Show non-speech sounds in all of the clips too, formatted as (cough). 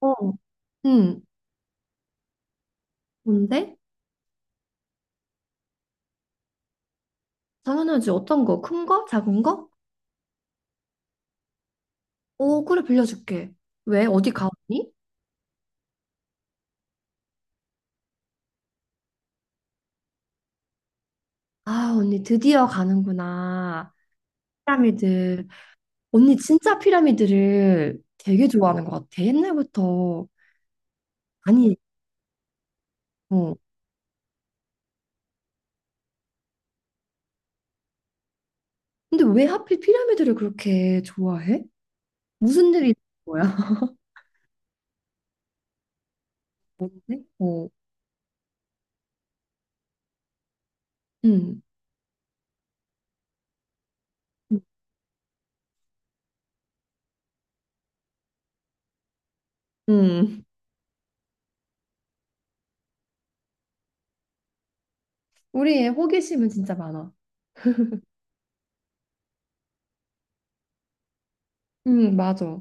어, 응, 뭔데? 당연하지. 어떤 거? 큰 거? 작은 거? 오, 그래, 빌려줄게. 왜? 어디 가, 언니? 아, 언니 드디어 가는구나. 피라미드. 언니 진짜 피라미드를 되게 좋아하는 것 같아. 옛날부터. 아니, 어. 근데 왜 하필 피라미드를 그렇게 좋아해? 무슨 일이 있는 거야? (laughs) 뭔데? 어, 응, 응. 우리의 호기심은 진짜 많아. 응, 맞아.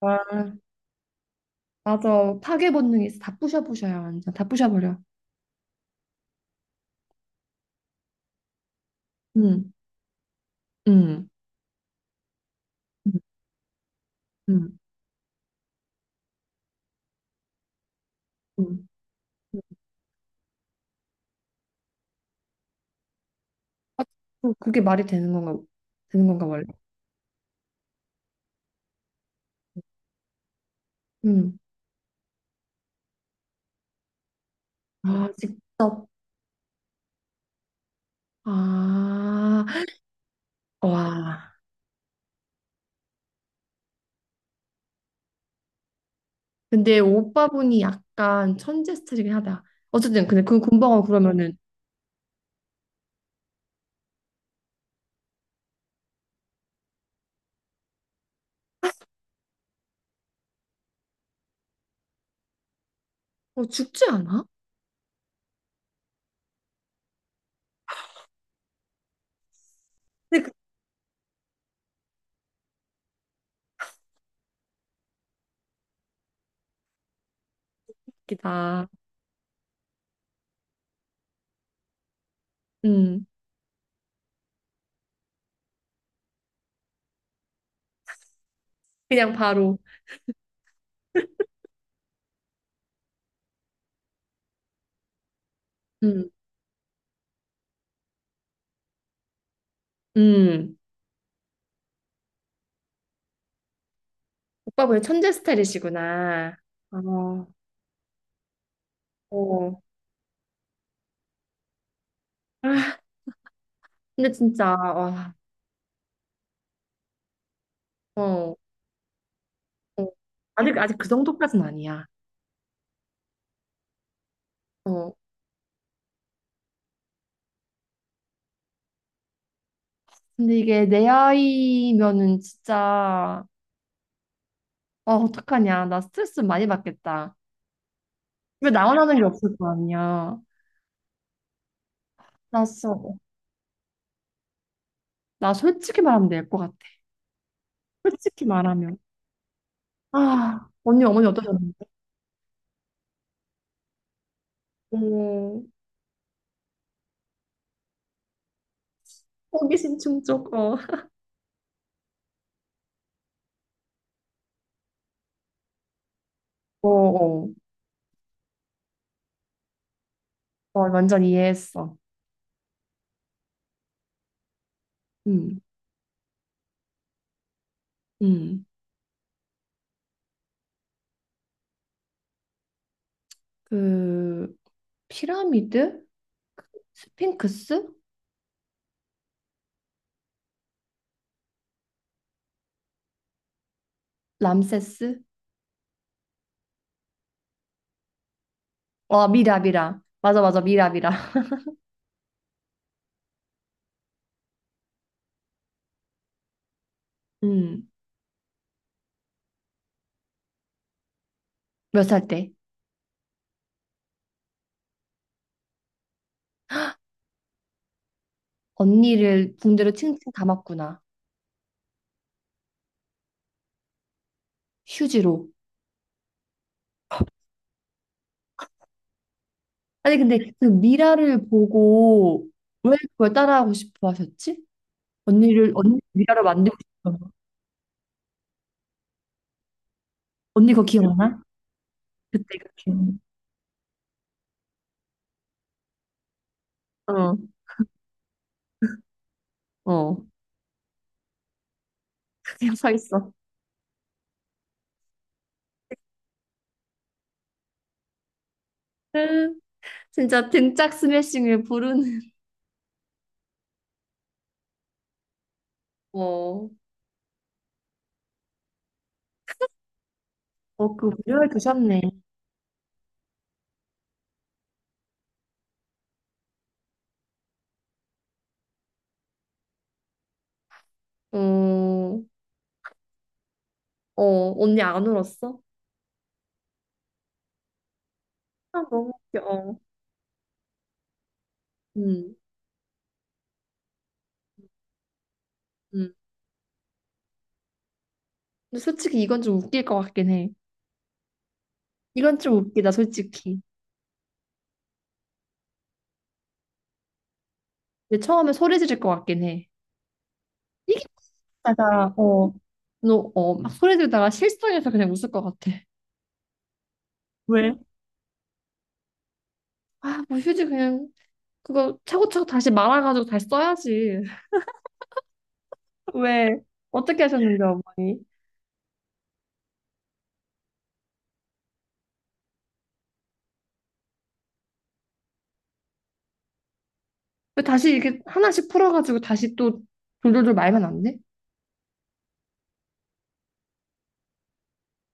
뭘까? 맞아. 파괴 본능이 있어. 다 부셔부셔요, 완전. 다 부셔버려. 음. 음, 음, 음, 응. 아, 그게 말이 되는 건가, 되는 건가, 원래? 음. 아, 직접. 아, 와. 근데 오빠분이 약간 천재 스타일이긴 하다. 어쨌든, 근데 그 군방어 그러면은, 어, 죽지 않아? 근데 그게 웃기다. 음. 그냥 바로. 음. 음. 오빠분이 천재 스타일이시구나. 아, 어. 근데 진짜, 와. 어. 어, 아직, 아직 그 정도까지는 아니야. 어. 근데 이게 내 아이면은 진짜, 어, 어떡하냐. 나 스트레스 많이 받겠다. 집에 나원하는 게 없을 거 아니야. 나, 진짜- 나 솔직히 말하면 될 것 같아. 솔직히 말하면. 아, 언니 어머니 어떠셨는데? 어, 호기심 충족, 어. 어, 어. 어, 완전 이해했어. 음, 음. 그, 피라미드? 그 스핑크스? 람세스? 어, 미라, 미라. 맞아, 맞아, 미라, 미라. 음, 몇 살 때? 언니를 붕대로 칭칭 감았구나. 휴지로. 아니, 근데 그 미라를 보고 왜 그걸 따라하고 싶어 하셨지? 언니를, 언니 미라를 만들고 싶어. 언니 그거 기억나? 그때 그 기억. 어, 어. 그 영상 있어. (laughs) 진짜 등짝 스매싱을 부르는. (laughs) 어, 어, 그 무료를 두셨네. 어, 어, 언니 안 울었어? 아, 너무 웃겨. 어. 음, 음. 근데 솔직히 이건 좀 웃길 것 같긴 해. 이건 좀 웃기다, 솔직히. 근데 처음에 소리 지를 것 같긴 해. 이게 다가 어, 너, 어, 막 소리 지르다가 실성해서 그냥 웃을 것 같아. 왜? 아, 뭐 휴지 그냥 그거 차고차고 다시 말아가지고 다시 써야지. (laughs) 왜? 어떻게 하셨는데, 어머니? 왜 다시 이렇게 하나씩 풀어가지고 다시 또 돌돌돌 말면 안 돼?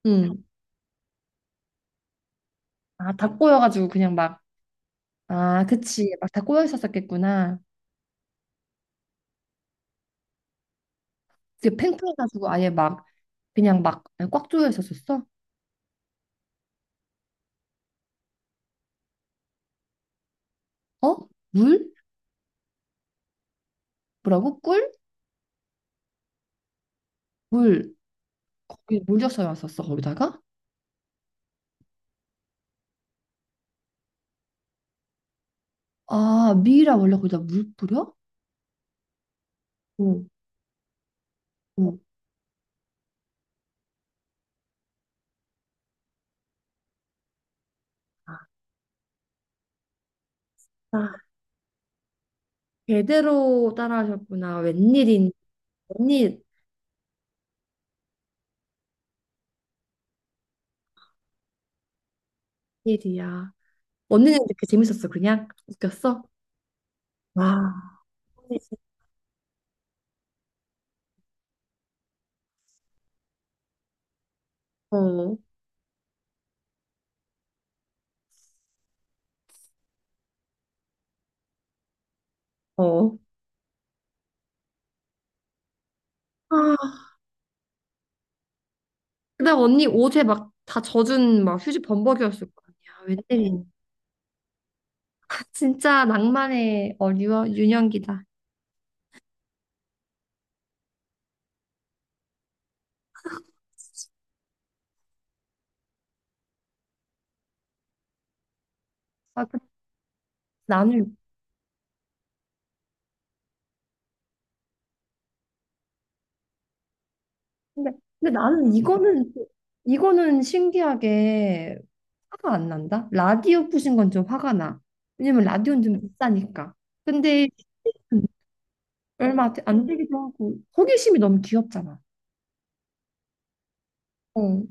응. 아, 다 꼬여가지고 그냥 막, 아, 그치. 막 다 꼬여 있었었겠구나. 그게 팽팽해가지고 아예 막, 그냥 막 꽉 조여 있었었어? 어? 물? 뭐라고? 꿀? 물. 거기 물 줬어야 왔었어 거기다가. 아, 미라 원래 거기다 물 뿌려? 어, 어. 아, 아, 제대로 따라하셨구나. 웬일인, 웬일, 웬일이야. 언니는 이렇게 재밌었어, 그냥? 웃겼어? 와. 어, 어. 아, 그다음 언니 옷에 막 다 젖은 막 휴지 범벅이었을 거 아니야. 웬일인. 아, 진짜 낭만의 어, 유, 윤현기다. 아, 그. 나는 근데, 근데 나는 이거는 이거는 신기하게 화가 안 난다. 라디오 부신 건 좀 화가 나. 왜냐면 라디오는 좀 비싸니까. 근데 얼마 안 되기도 하고 호기심이 너무 귀엽잖아. 어.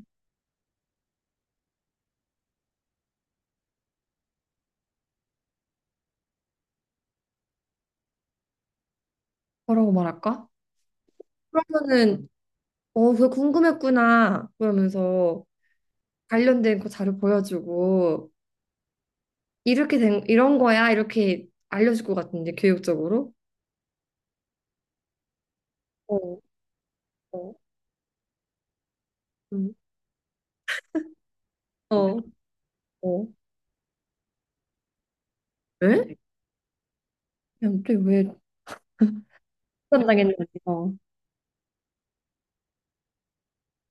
뭐라고 말할까? 그러면은 어, 그거 궁금했구나. 그러면서 관련된 거 자료 보여주고 이렇게 된 이런 거야. 이렇게 알려줄 것 같은데 교육적으로. 어, 어, 음. 어. 어. 왜? 야, 근왜 당했는지.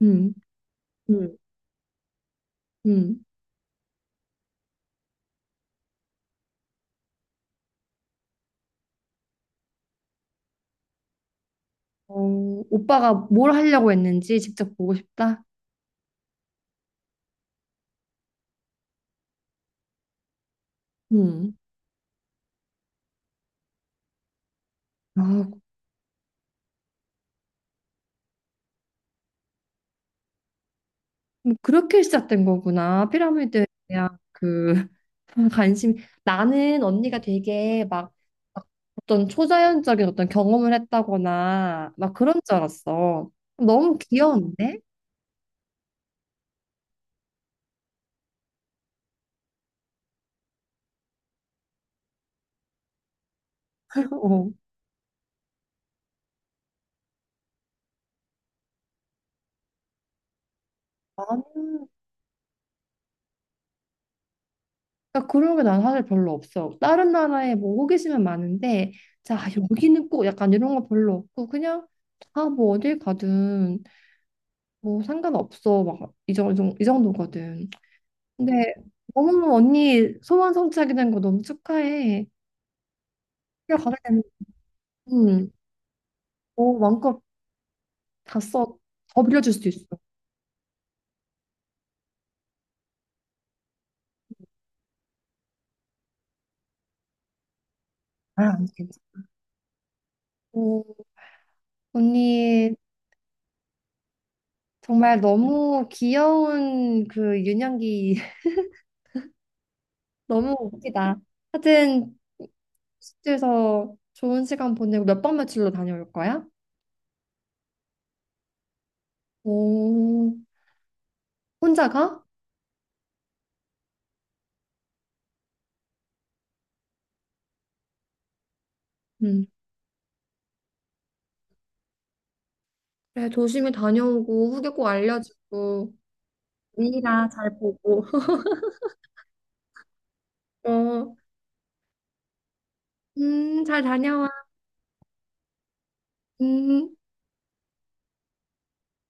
음, 음. 음, 어, 오빠가 뭘 하려고 했는지 직접 보고 싶다. 음. 아, 그럼 그렇게 시작된 거구나. 피라미드에 대한 그 (laughs) 관심. 나는 언니가 되게 막 어떤 초자연적인 어떤 경험을 했다거나 막 그런 줄 알았어. 너무 귀여운데? (laughs) 어. 나는 그러니까 그런 게 난 사실 별로 없어. 다른 나라에 뭐 호기심은 많은데, 자, 여기는 꼭 약간 이런 거 별로 없고, 그냥, 아, 뭐 어딜 가든, 뭐 상관없어. 막, 이 정도, 이 정도거든. 근데, 너무 언니 소원 성취하게 된 거 너무 축하해. 그냥 가게 되면, 음, 뭐 마음껏 다 써. 더 빌려줄 수도 있어. 아, 안 되겠지. 오, 언니, 정말 너무 귀여운 그 유년기, (laughs) 너무 웃기다. 하여튼, 호스트에서 좋은 시간 보내고 몇 박 며칠로 다녀올 거야? 오, 혼자 가? 응. 그래, 조심히 다녀오고 후기 꼭 알려주고 미라 잘 보고. (laughs) 어, 잘 다녀와. 음.